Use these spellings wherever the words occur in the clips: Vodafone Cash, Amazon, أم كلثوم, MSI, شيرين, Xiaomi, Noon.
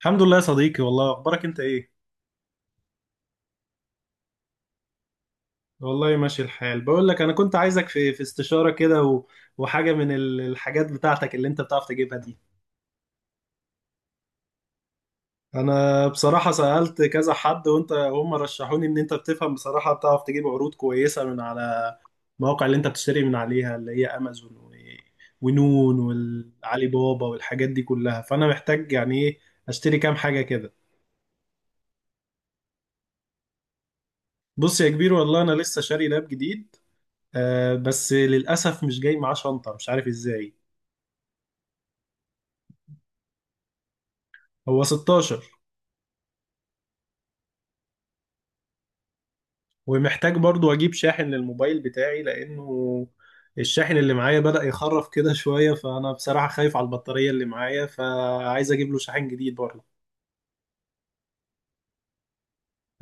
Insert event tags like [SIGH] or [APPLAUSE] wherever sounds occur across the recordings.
الحمد لله يا صديقي، والله اخبارك انت ايه؟ والله ماشي الحال. بقول لك انا كنت عايزك في استشاره كده وحاجه من الحاجات بتاعتك اللي انت بتعرف تجيبها دي. انا بصراحه سالت كذا حد وانت هم رشحوني ان انت بتفهم، بصراحه بتعرف تجيب عروض كويسه من على المواقع اللي انت بتشتري من عليها، اللي هي امازون ونون والعلي بابا والحاجات دي كلها. فانا محتاج يعني ايه اشتري كام حاجه كده. بص يا كبير، والله انا لسه شاري لاب جديد، آه بس للأسف مش جاي معاه شنطة، مش عارف ازاي. هو 16. ومحتاج برضو أجيب شاحن للموبايل بتاعي، لأنه الشاحن اللي معايا بدأ يخرف كده شوية، فأنا بصراحة خايف على البطارية اللي معايا، فعايز أجيب له شاحن جديد برضو.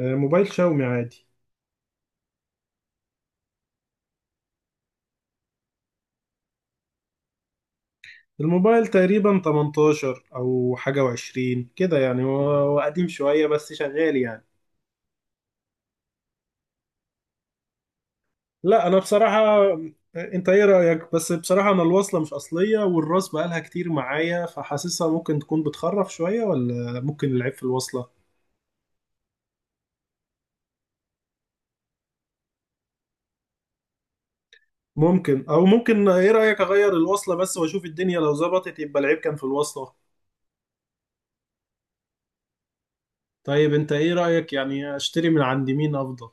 آه موبايل شاومي عادي. الموبايل تقريبا 18 أو حاجة وعشرين كده يعني، هو قديم شوية بس شغال يعني. لا انا بصراحة، انت ايه رأيك؟ بس بصراحة انا الوصلة مش اصلية، والراس بقالها كتير معايا، فحاسسها ممكن تكون بتخرف شوية، ولا ممكن العيب في الوصلة. ممكن ايه رأيك اغير الوصلة بس واشوف الدنيا، لو ظبطت يبقى العيب كان في الوصلة. طيب انت ايه رأيك يعني اشتري من عند مين افضل؟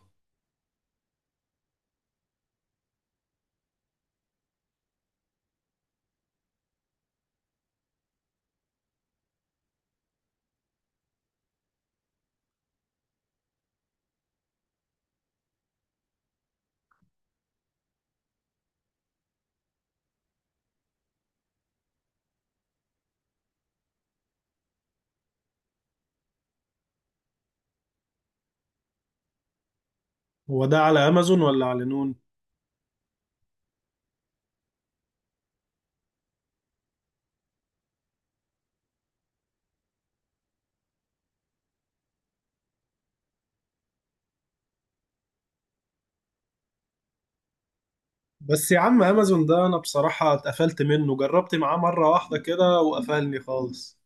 هو ده على امازون ولا على نون؟ بس يا عم، امازون ده انا بصراحة اتقفلت منه، جربت معاه مرة واحدة كده وقفلني خالص.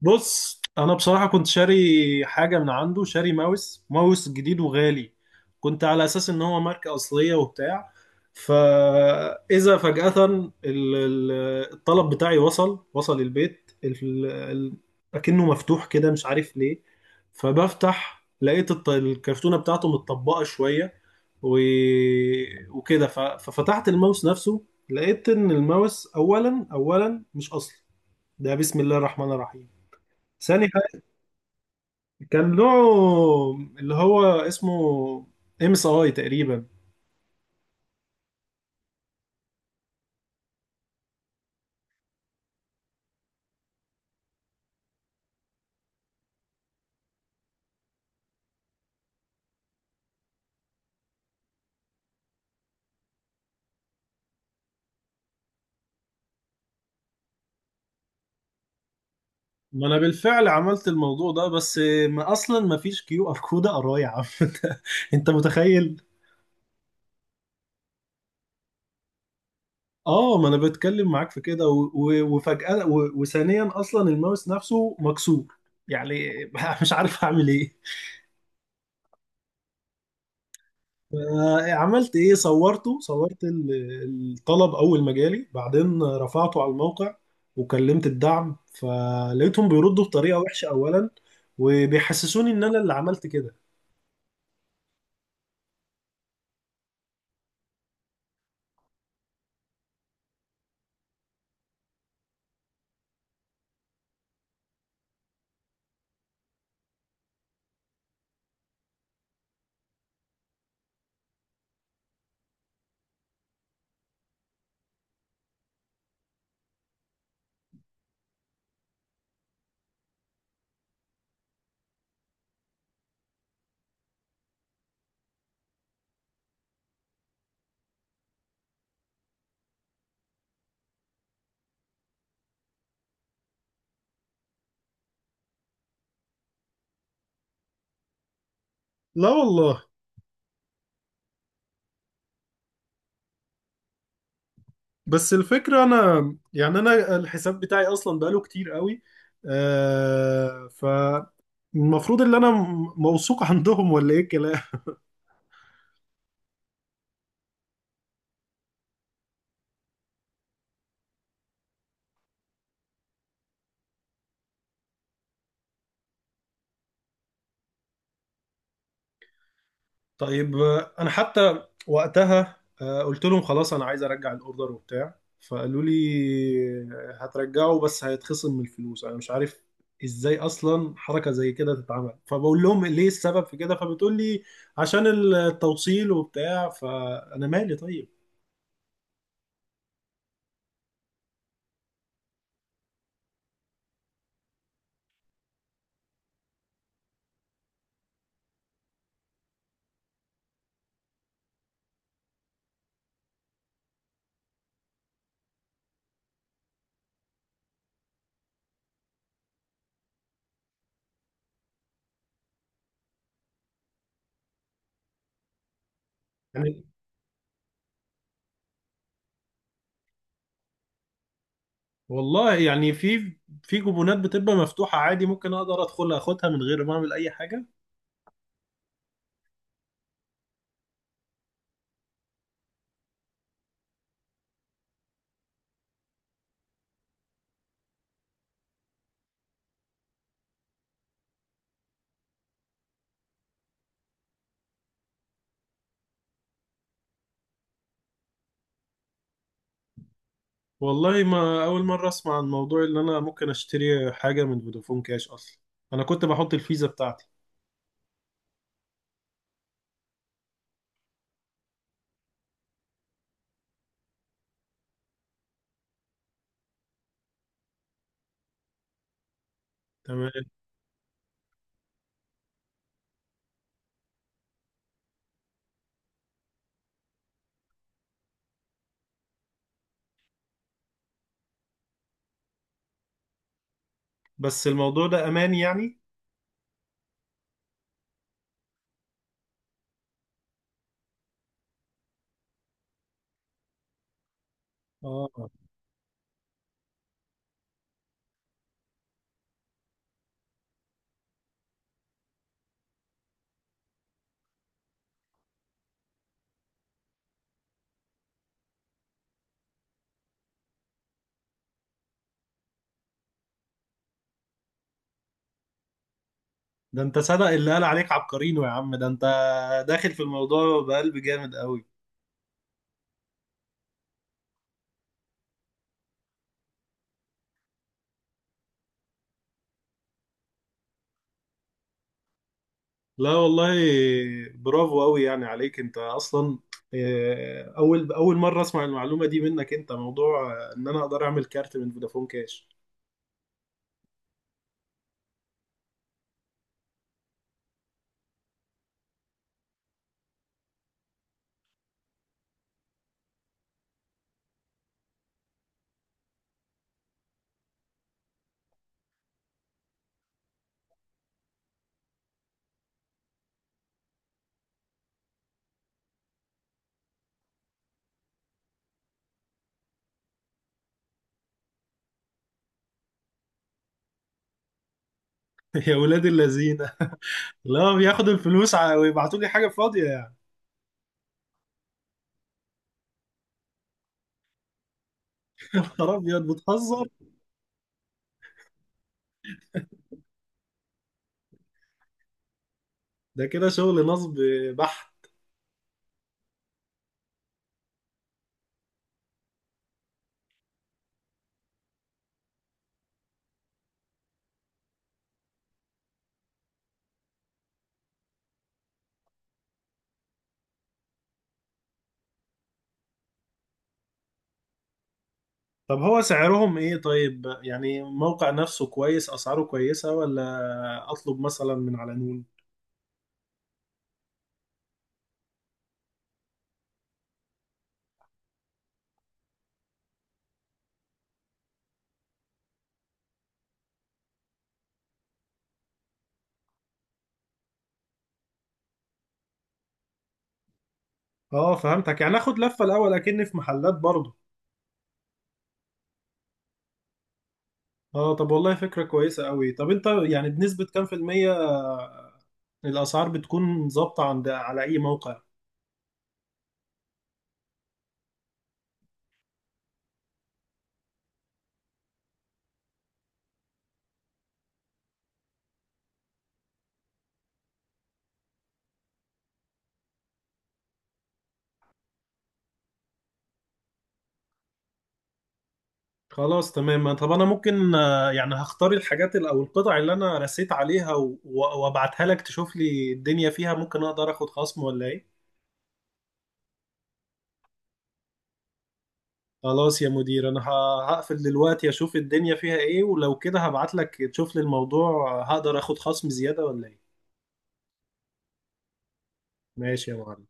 بص انا بصراحه كنت شاري حاجه من عنده، شاري ماوس جديد وغالي، كنت على اساس ان هو ماركه اصليه وبتاع. فاذا فجاه الطلب بتاعي وصل البيت اكنه مفتوح كده، مش عارف ليه. فبفتح لقيت الكرتونه بتاعته متطبقه شويه و... وكده ففتحت الماوس نفسه، لقيت ان الماوس اولا مش اصلي. ده بسم الله الرحمن الرحيم. ثاني حاجة، كان نوعه اللي هو اسمه ام اس اي تقريبا. ما انا بالفعل عملت الموضوع ده، بس ما اصلا ما فيش كيو ار كود اقراه يا عم. [LAUGHS] انت انت متخيل. اه، ما انا بتكلم معاك في كده وفجأة وثانيا اصلا الماوس نفسه مكسور، يعني [LAUGHS] مش عارف اعمل ايه. عملت ايه، صورته، صورت الطلب اول ما جالي، بعدين رفعته على الموقع وكلمت الدعم، فلقيتهم بيردوا بطريقة وحشة اولا، وبيحسسوني ان انا اللي عملت كده. لا والله. بس الفكرة انا، يعني انا الحساب بتاعي اصلا بقاله كتير قوي، آه فالمفروض ان انا موثوق عندهم ولا ايه الكلام. طيب انا حتى وقتها قلت لهم خلاص انا عايز ارجع الاوردر وبتاع، فقالوا لي هترجعه بس هيتخصم من الفلوس. انا مش عارف ازاي اصلا حركه زي كده تتعمل، فبقول لهم ليه السبب في كده، فبتقول لي عشان التوصيل وبتاع، فانا مالي طيب يعني. والله يعني في جبونات بتبقى مفتوحه عادي، ممكن اقدر ادخل اخدها من غير ما اعمل اي حاجه. والله ما أول مرة أسمع عن موضوع إن أنا ممكن أشتري حاجة من فودافون كاش أصلا، أنا كنت بحط الفيزا بتاعتي. تمام. بس الموضوع ده أمان يعني؟ آه. ده أنت صدق اللي قال عليك عبقرينو، يا عم ده أنت داخل في الموضوع بقلب جامد قوي. لا والله، برافو قوي يعني عليك أنت أصلا. آه، أول مرة أسمع المعلومة دي منك، أنت موضوع آه، إن أنا أقدر أعمل كارت من فودافون كاش. [LAUGHS] يا ولاد اللذينه، لا بياخدوا الفلوس ويبعتوا لي حاجة فاضية يعني. نهار ابيض، بتهزر. ده كده شغل نصب بحت. طب هو سعرهم ايه طيب؟ يعني موقع نفسه كويس، اسعاره كويسة، ولا اطلب مثلا من على نون؟ اه فهمتك، يعني اخد لفة الاول اكني في محلات برضه. اه طب والله فكرة كويسة قوي. طب انت يعني بنسبة كام في المية الاسعار بتكون ظابطة عند على اي موقع؟ خلاص تمام. طب انا ممكن آه، يعني هختار الحاجات او القطع اللي انا رسيت عليها وابعتها لك، تشوف لي الدنيا فيها ممكن اقدر اخد خصم ولا ايه. خلاص يا مدير، انا هقفل دلوقتي، اشوف الدنيا فيها ايه، ولو كده هبعت لك تشوف لي الموضوع هقدر اخد خصم زيادة ولا ايه. ماشي يا معلم.